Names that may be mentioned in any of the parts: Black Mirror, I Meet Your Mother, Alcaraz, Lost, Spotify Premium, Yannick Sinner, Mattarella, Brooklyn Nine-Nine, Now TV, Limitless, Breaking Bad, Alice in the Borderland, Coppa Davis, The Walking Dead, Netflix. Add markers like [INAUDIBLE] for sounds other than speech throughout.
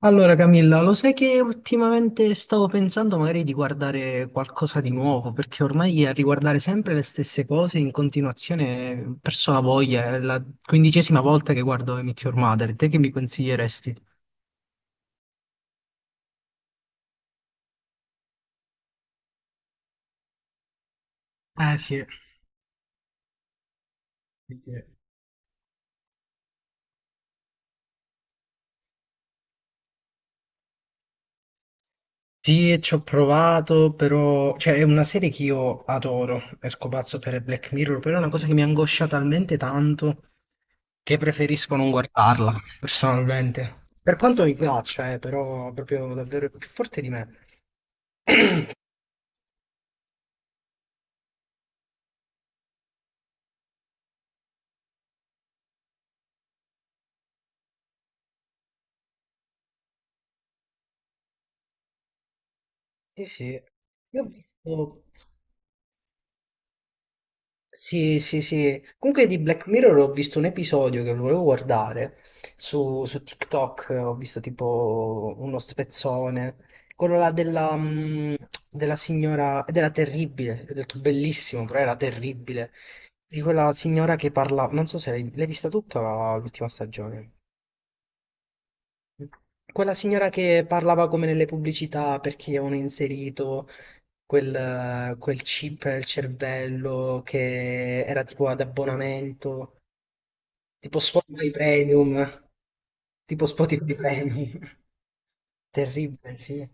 Allora Camilla, lo sai che ultimamente stavo pensando magari di guardare qualcosa di nuovo, perché ormai a riguardare sempre le stesse cose in continuazione ho perso la voglia, è la quindicesima volta che guardo I Meet Your Mother, te che mi consiglieresti? Eh sì, sì, sì. Sì, e ci ho provato, però. Cioè, è una serie che io adoro, esco pazzo per Black Mirror, però è una cosa che mi angoscia talmente tanto che preferisco non guardarla, personalmente. Per quanto mi piaccia, però proprio davvero è più forte di me. Sì, sì. Io ho visto. Sì, sì, sì. Comunque di Black Mirror ho visto un episodio che volevo guardare su TikTok, ho visto tipo uno spezzone, quello là della signora, ed era terribile, ho detto bellissimo, però era terribile, di quella signora che parla, non so se l'hai vista tutta l'ultima stagione, quella signora che parlava come nelle pubblicità perché avevano inserito quel chip nel cervello che era tipo ad abbonamento, tipo Spotify Premium, tipo Spotify Premium. [LAUGHS] Terribile, sì.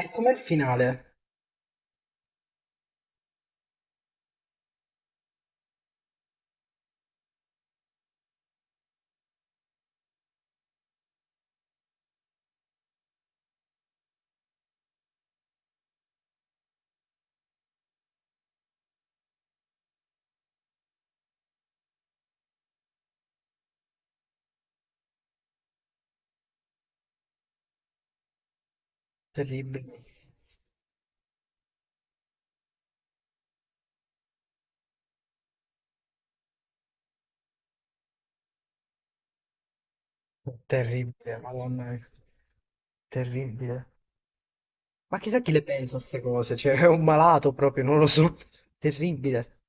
E com'è il finale? Terribile. Terribile, madonna mia. Terribile. Ma chissà chi le pensa a queste cose, cioè è un malato proprio, non lo so. Terribile.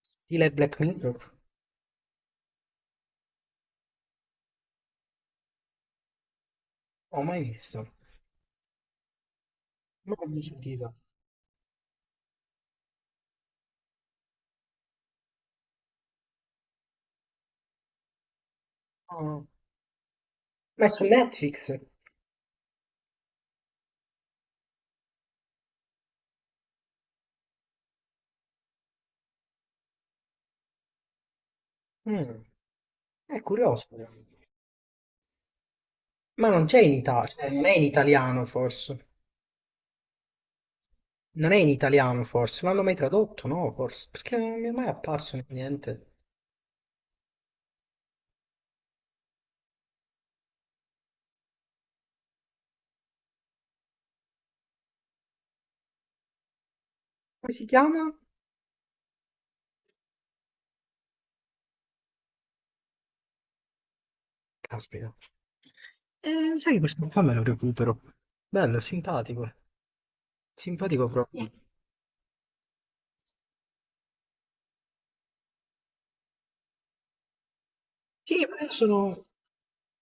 Stile Black Mirror? Non ho mai visto. Non l'ho mai sentito. No. Ma è su Netflix? Mm, è curioso. Ma non c'è in Italia, non è in italiano forse. Non è in italiano forse, non l'hanno mai tradotto, no, forse, perché non mi è mai apparso in niente. Come si chiama? Caspita. Sai che questo qua me lo recupero. Bello, simpatico. Simpatico proprio. Sì, ma io sono.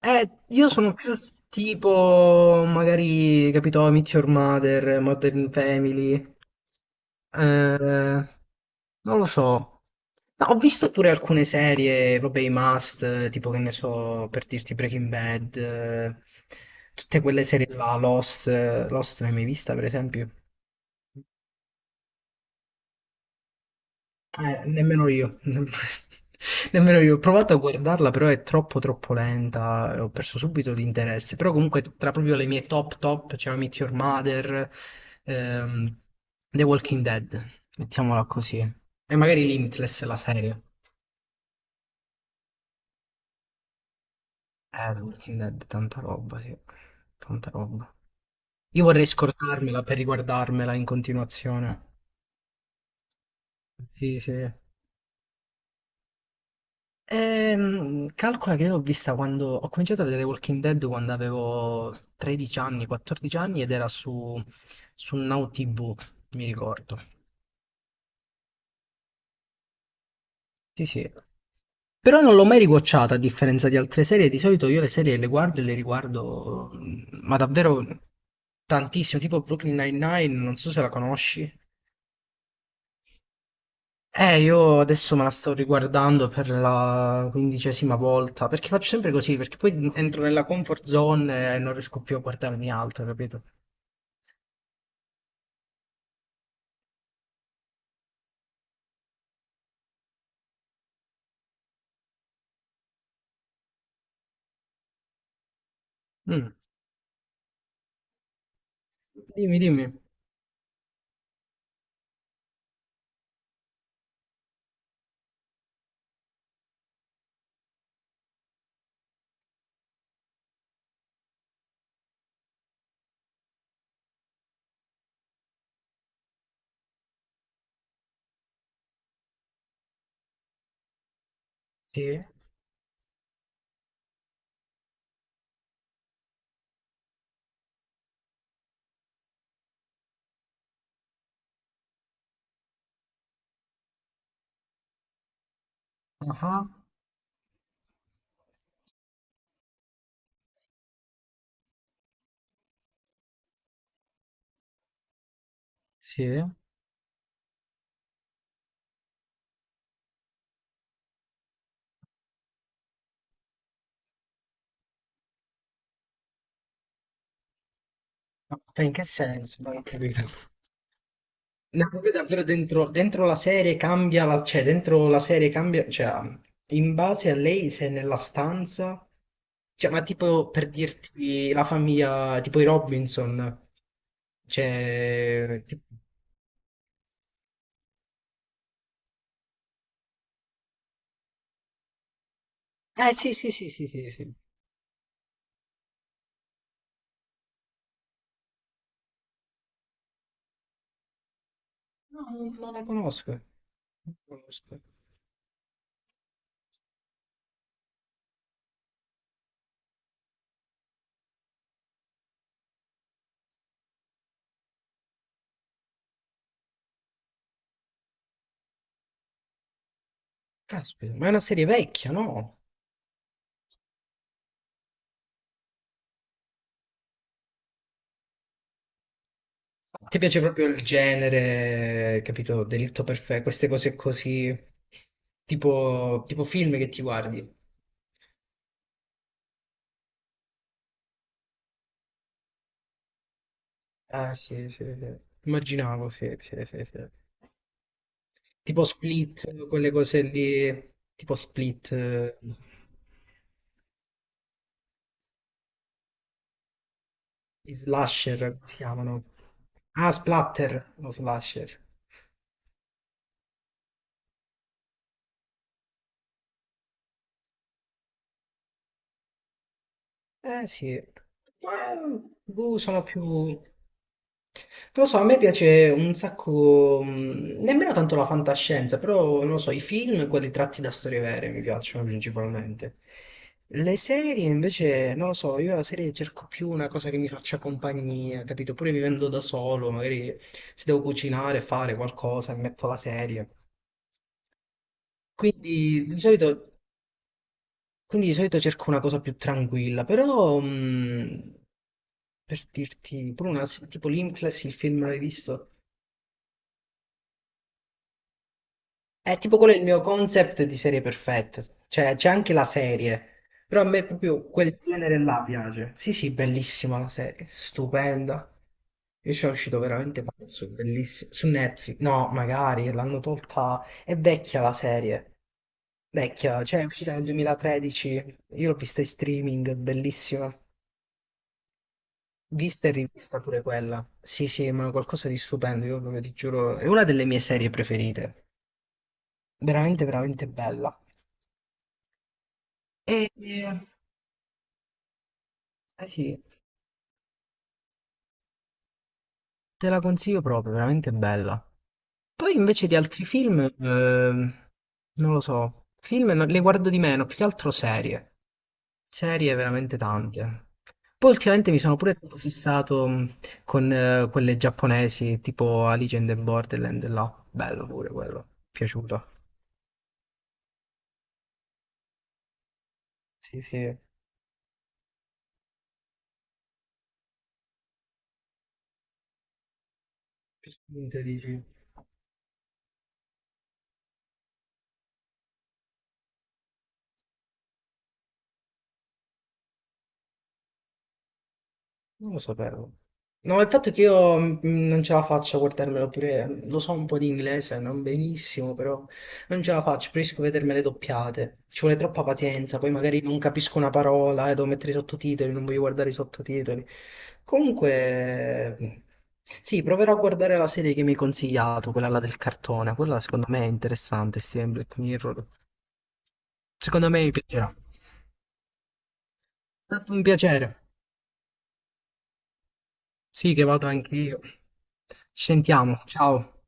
Io sono più tipo, magari, capito, I Meet Your Mother, Modern Family, eh, non lo so. No, ho visto pure alcune serie, vabbè, i must, tipo che ne so, per dirti Breaking Bad, tutte quelle serie là, Lost l'hai mai vista, per esempio? Nemmeno io, [LAUGHS] nemmeno io. Ho provato a guardarla, però è troppo troppo lenta, e ho perso subito l'interesse. Però comunque tra proprio le mie top top c'è Meet Your Mother, ehm, The Walking Dead, mettiamola così. E magari Limitless la serie. The Walking Dead, tanta roba, sì. Tanta roba. Io vorrei scordarmela per riguardarmela in continuazione. Sì, sì. Calcola che io l'ho vista quando ho cominciato a vedere Walking Dead quando avevo 13 anni, 14 anni ed era su, su Now TV, mi ricordo. Sì, sì. Però non l'ho mai riguardata a differenza di altre serie. Di solito io le serie le guardo e le riguardo, ma davvero tantissimo, tipo Brooklyn Nine-Nine, non so se la conosci. Io adesso me la sto riguardando per la quindicesima volta, perché faccio sempre così, perché poi entro nella comfort zone e non riesco più a guardarmi altro, capito? Mm. Dimmi, dimmi. Sì? Ah, sì. Ma in che senso? Non ho capito. No, proprio davvero dentro la serie cambia, cioè dentro la serie cambia, cioè in base a lei se è nella stanza, cioè ma tipo per dirti la famiglia, tipo i Robinson, cioè. Eh sì sì sì sì sì sì, no, non la conosco, non la conosco. Caspita, ma è una serie vecchia, no? Ti piace proprio il genere, capito? Delitto perfetto, queste cose così, tipo film che ti guardi. Ah, sì, sì, sì. Immaginavo, sì, sì, sì, sì. Tipo Split, quelle cose lì, tipo Split, i slasher, come si chiamano? Ah, Splatter, lo slasher. Eh sì, ma boh, sono più. Non lo so, a me piace un sacco, nemmeno tanto la fantascienza, però non lo so, i film, quelli tratti da storie vere mi piacciono principalmente. Le serie invece, non lo so, io la serie cerco più una cosa che mi faccia compagnia, capito? Pure vivendo da solo, magari se devo cucinare, fare qualcosa, mi metto la serie. Quindi di solito quindi di solito cerco una cosa più tranquilla, però per dirti, pure una, tipo Limitless, il film l'hai visto? È tipo quello è il mio concept di serie perfetta, cioè c'è anche la serie, però a me proprio quel genere là piace. Sì, sì, bellissima la serie, stupenda. Io ci sono uscito veramente pazzo, bellissimo. Su Netflix, no, magari l'hanno tolta, è vecchia la serie. Vecchia, cioè è uscita nel 2013, io l'ho vista in streaming, è bellissima. Vista e rivista pure quella. Sì, sì, ma qualcosa di stupendo, io proprio ti giuro, è una delle mie serie preferite. Veramente, veramente bella. E eh, eh sì, te la consiglio proprio, veramente bella. Poi invece di altri film, non lo so, film le guardo di meno, più che altro serie. Serie veramente tante. Poi ultimamente mi sono pure stato fissato con quelle giapponesi, tipo Alice in the Borderland, là. Bello pure quello, piaciuto. Sì, sì, più spinta dici. Non lo sapevo. No, il fatto è che io non ce la faccio a guardarmelo pure, lo so un po' di inglese, non benissimo, però non ce la faccio, preferisco vedermele doppiate. Ci vuole troppa pazienza, poi magari non capisco una parola e devo mettere i sottotitoli, non voglio guardare i sottotitoli. Comunque, sì, proverò a guardare la serie che mi hai consigliato, quella là del cartone, quella secondo me è interessante, sì, in Black Mirror. Secondo me mi piacerà. È stato un piacere. Sì, che vado anch'io. Ci sentiamo, ciao.